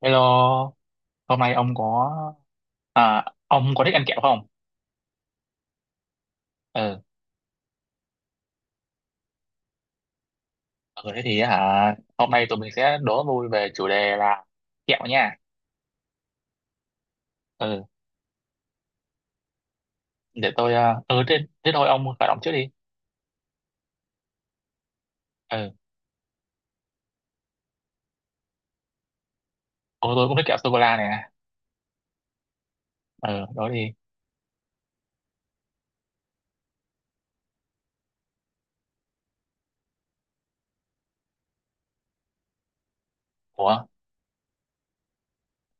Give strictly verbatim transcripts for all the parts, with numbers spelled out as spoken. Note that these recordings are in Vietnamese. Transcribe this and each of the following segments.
Hello, hôm nay ông có à, ông có thích ăn kẹo không? Ừ, ừ, thế thì hả, hôm nay tụi mình sẽ đố vui về chủ đề là kẹo nha. Ừ, để tôi ờ ừ, thế, thế thôi ông khởi động trước đi. Ừ, ừ, tôi cũng thích kẹo sô cô la này. Ừ, đó đi. Ủa,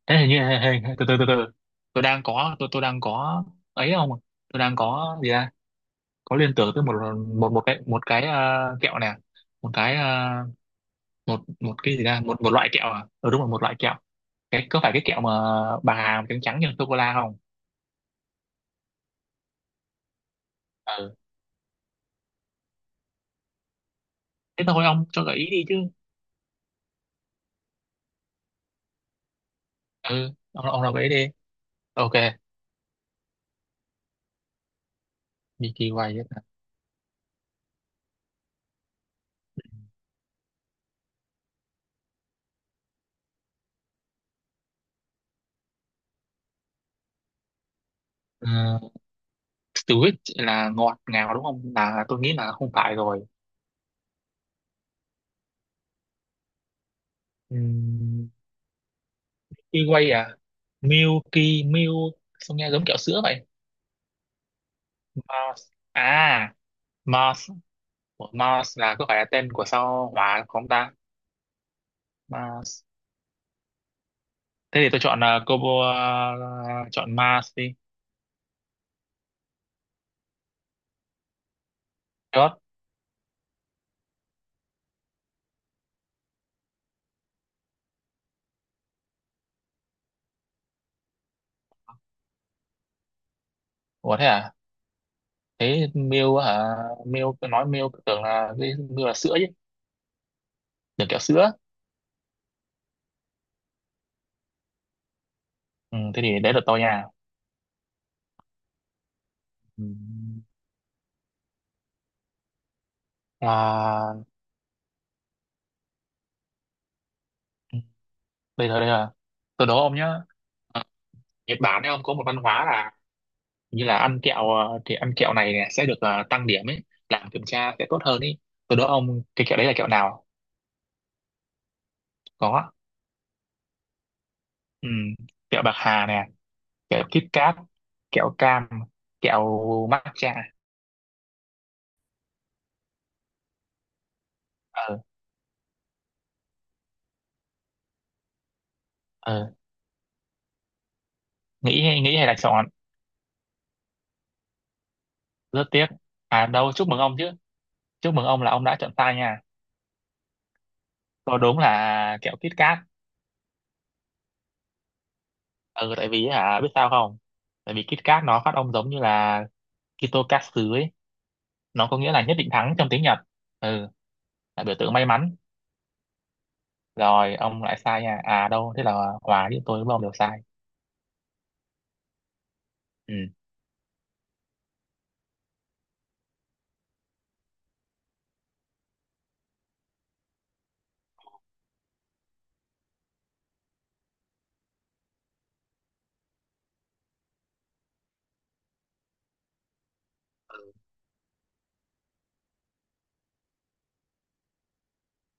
thế hình như, hình, hình, từ từ, từ từ. Tôi đang có tôi tôi đang có ấy không? Tôi đang có gì ra? Có liên tưởng tới một một một cái một cái ờ, kẹo nè, một cái ờ, một một cái gì ra một một loại kẹo à ừ, đúng rồi một loại kẹo. Cái có phải cái kẹo mà bà Hà trắng trắng nhân sô cô la không? Ừ, thế thôi ông cho gợi ý đi chứ. Ừ, ông ông nào gợi ý đi. Ok. Milky Way á. Ờ, Sweet là ngọt ngào đúng không, là tôi nghĩ là không phải rồi. Ừm. Milky Way à? Milky Milk, sao nghe giống kẹo sữa vậy. Mars à? Mars. Ủa, Mars là có phải là tên của sao hỏa không ta? Mars, thế thì tôi chọn uh, combo, ờ, chọn Mars đi. God. Ủa thế à? Thế Mew hả? Mew, tôi nói Mew tưởng là cái Mew là sữa chứ, tưởng kẹo sữa. Ừ, thế thì đấy là tôi nha. Ừ. À, bây giờ đây là tôi đố ông nhá. Ờ, Nhật Bản ấy, ông có một văn hóa là như là ăn kẹo, ờ, thì ăn kẹo này này sẽ được ờ, tăng điểm ấy, làm kiểm tra sẽ tốt hơn ấy. Tôi đố ông cái kẹo đấy là kẹo nào. Có. Ừ. Kẹo bạc hà nè, kẹo Kit Kat, kẹo cam, kẹo matcha. ờ ờ nghĩ nghĩ hay là chọn. Rất tiếc. À đâu, chúc mừng ông chứ. Chúc mừng ông là ông đã chọn sai nha. Có, đúng là kẹo Kit Kat. Ừ, tại vì hả, biết sao không? Tại vì Kit Kat nó phát âm giống như là Kitokatsu ấy. Nó có nghĩa là nhất định thắng trong tiếng Nhật. Ừ. Là biểu tượng may mắn. Rồi ông lại sai nha, à đâu, thế là Hòa, với tôi với ông đều sai. Ừ,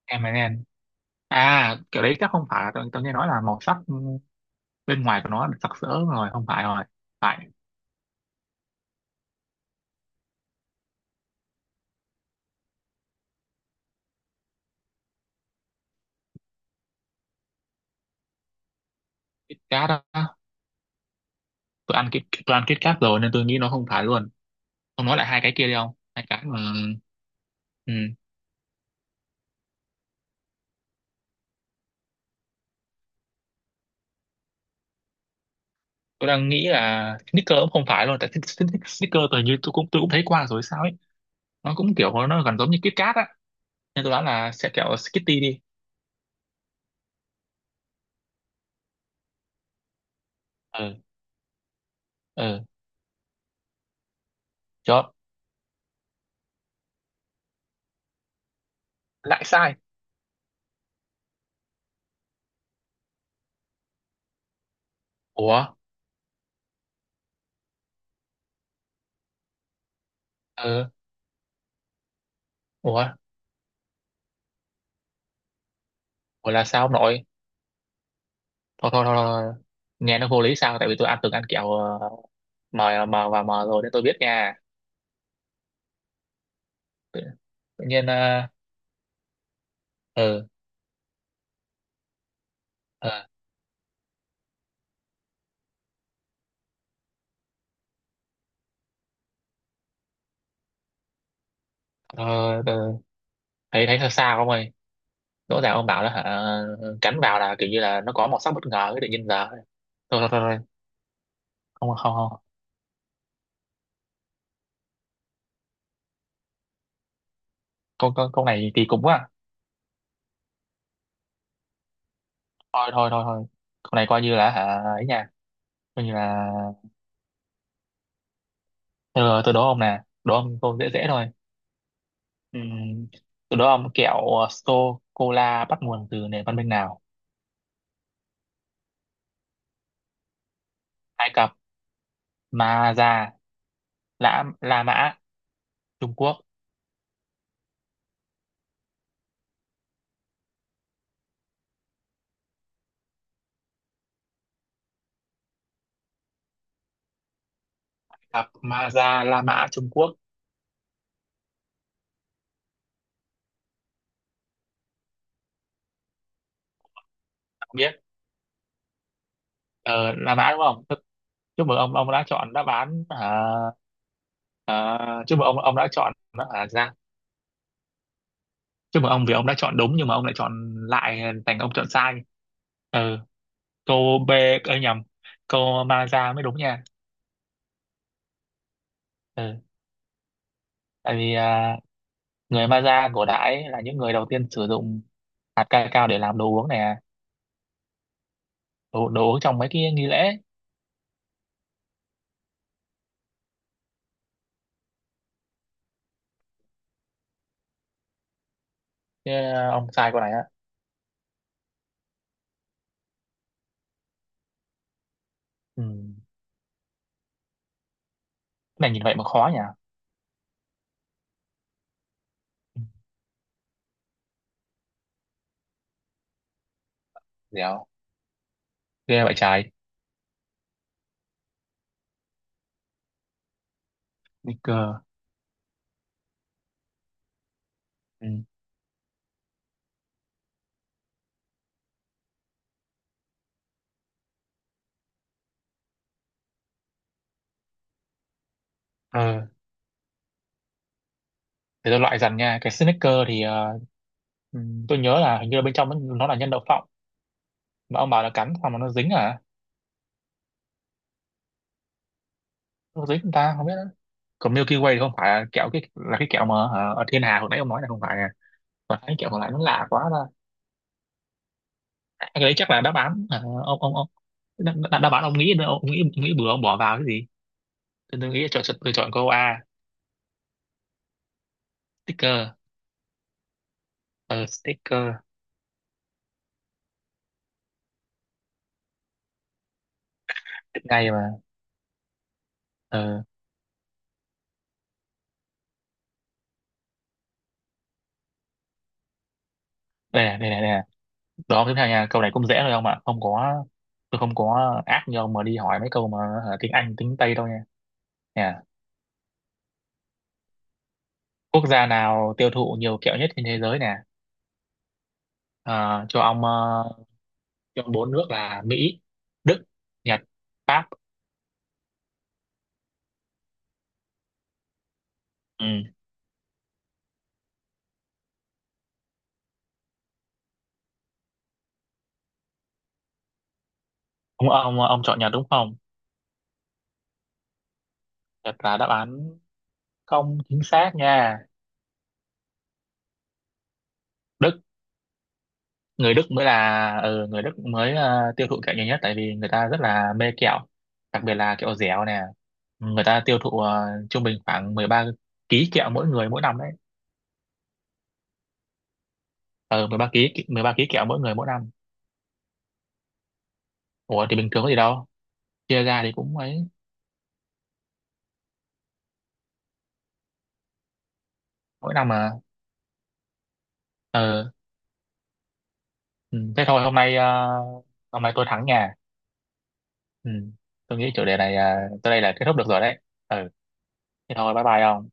em and em. À, kiểu đấy chắc không phải. Tôi, tôi nghe nói là màu sắc bên ngoài của nó sặc sỡ rồi, không phải rồi. Phải. Kit Kat đó. Tôi ăn cái tôi ăn Kit Kat rồi nên tôi nghĩ nó không phải luôn. Ông nói lại hai cái kia đi, không hai cái mà. Ừ. Tôi đang nghĩ là Snickers cũng không phải luôn, tại Snickers, tôi như tôi cũng tôi cũng thấy qua rồi sao ấy. Nó cũng kiểu nó gần giống như Kit Kat á. Nên tôi đoán là sẽ kẹo Skitty đi. Ừ. Ừ. Chốt. Lại sai. Ủa. Ừ. Ủa, ủa là sao ông nội? Thôi, thôi, thôi, thôi. Nghe nó vô lý sao, tại vì tôi ăn từng ăn kẹo, ờ, mờ mờ và mờ rồi nên tôi biết nha. tự, tự nhiên ờ ừ. ờ, ờ, thấy thấy sao sao ông ơi? Rõ ràng ông bảo là hả, Ờ, cắn vào là kiểu như là nó có màu sắc bất ngờ ấy, tự nhiên giờ thôi. Thôi, thôi, thôi. Không, không, không. Câu câu câu này kỳ cục quá. Thôi, thôi, thôi, thôi. Câu này coi như là hả, ấy nha. Coi như là. Tôi, tôi đố ông nè, đố ông câu dễ dễ thôi. Ừm. Tôi đố ông kẹo sô cô la bắt nguồn từ nền văn minh nào? Ai Cập, Ma Da, La La Mã, Trung Quốc. Ai Cập, Ma Da, La Mã, Trung Quốc. Ông biết. ờ, là đã đúng không? Thế chúc mừng ông ông đã chọn đáp án hả. Ờ, chúc mừng ông ông đã chọn đáp án ra. Chúc mừng ông vì ông đã chọn đúng, nhưng mà ông lại chọn, lại thành ông chọn sai. Ừ, câu B, ấy nhầm, câu Maza mới đúng nha. Ừ, tại vì à, người Maza cổ đại là những người đầu tiên sử dụng hạt cacao cao để làm đồ uống này à. đồ, đồ uống trong mấy cái nghi lễ. Thế, à, ông sai câu này á. Ừ. Cái này nhìn vậy mà khó nhỉ. Ừ, dẻo ghê vậy trái. Nguy cơ. Ừ. Ờ, để tôi loại dần nha. Cái snicker thì ờ, ừm, tôi nhớ là hình như là bên trong nó, nó là nhân đậu phộng. Mà ông bảo là cắn xong mà nó dính à? Nó dính, chúng ta không biết nữa. Còn Milky Way thì không phải là kẹo, cái là cái kẹo mà ờ, ở thiên hà hồi nãy ông nói là không phải à. Còn cái kẹo còn lại nó lạ quá ra. À, cái đấy chắc là đáp án, ờ, ông ông ông đáp, đáp đáp án, ông nghĩ ông nghĩ nghĩ bừa ông bỏ vào cái gì. Tôi, tôi nghĩ chọn chọn tôi chọn câu A. Sticker. ờ sticker. Ngay mà. Ờ. Đây này, đây này, đây này. Được không, tiếp theo nha, câu này cũng dễ thôi, không ạ, không có. Tôi không có ác như ông mà đi hỏi mấy câu mà, hả, tiếng Anh tiếng Tây đâu nha. Nè. Quốc gia nào tiêu thụ nhiều kẹo nhất trên thế giới nè? Ờ, cho ông ờ, cho ông bốn nước là Mỹ, Đức, Nhật, Pháp. Ừ. ông ông ông chọn Nhật đúng không? Nhật là đáp án không chính xác nha. Đức. Người Đức mới là ừ, người Đức mới ờ, tiêu thụ kẹo nhiều nhất, tại vì người ta rất là mê kẹo. Đặc biệt là kẹo dẻo nè. Người ta tiêu thụ ờ, trung bình khoảng mười ba ký kẹo mỗi người mỗi năm đấy. ờ mười ba ký, mười ba ký kẹo mỗi người mỗi năm. Ủa thì bình thường có gì đâu. Chia ra thì cũng ấy. Mỗi năm mà. Ờ. Ừ, thế thôi, hôm nay ờ, hôm nay tôi thắng nhà. Ừ. Tôi nghĩ chủ đề này ờ, tới đây là kết thúc được rồi đấy. Ừ. Thế thôi bye bye ông.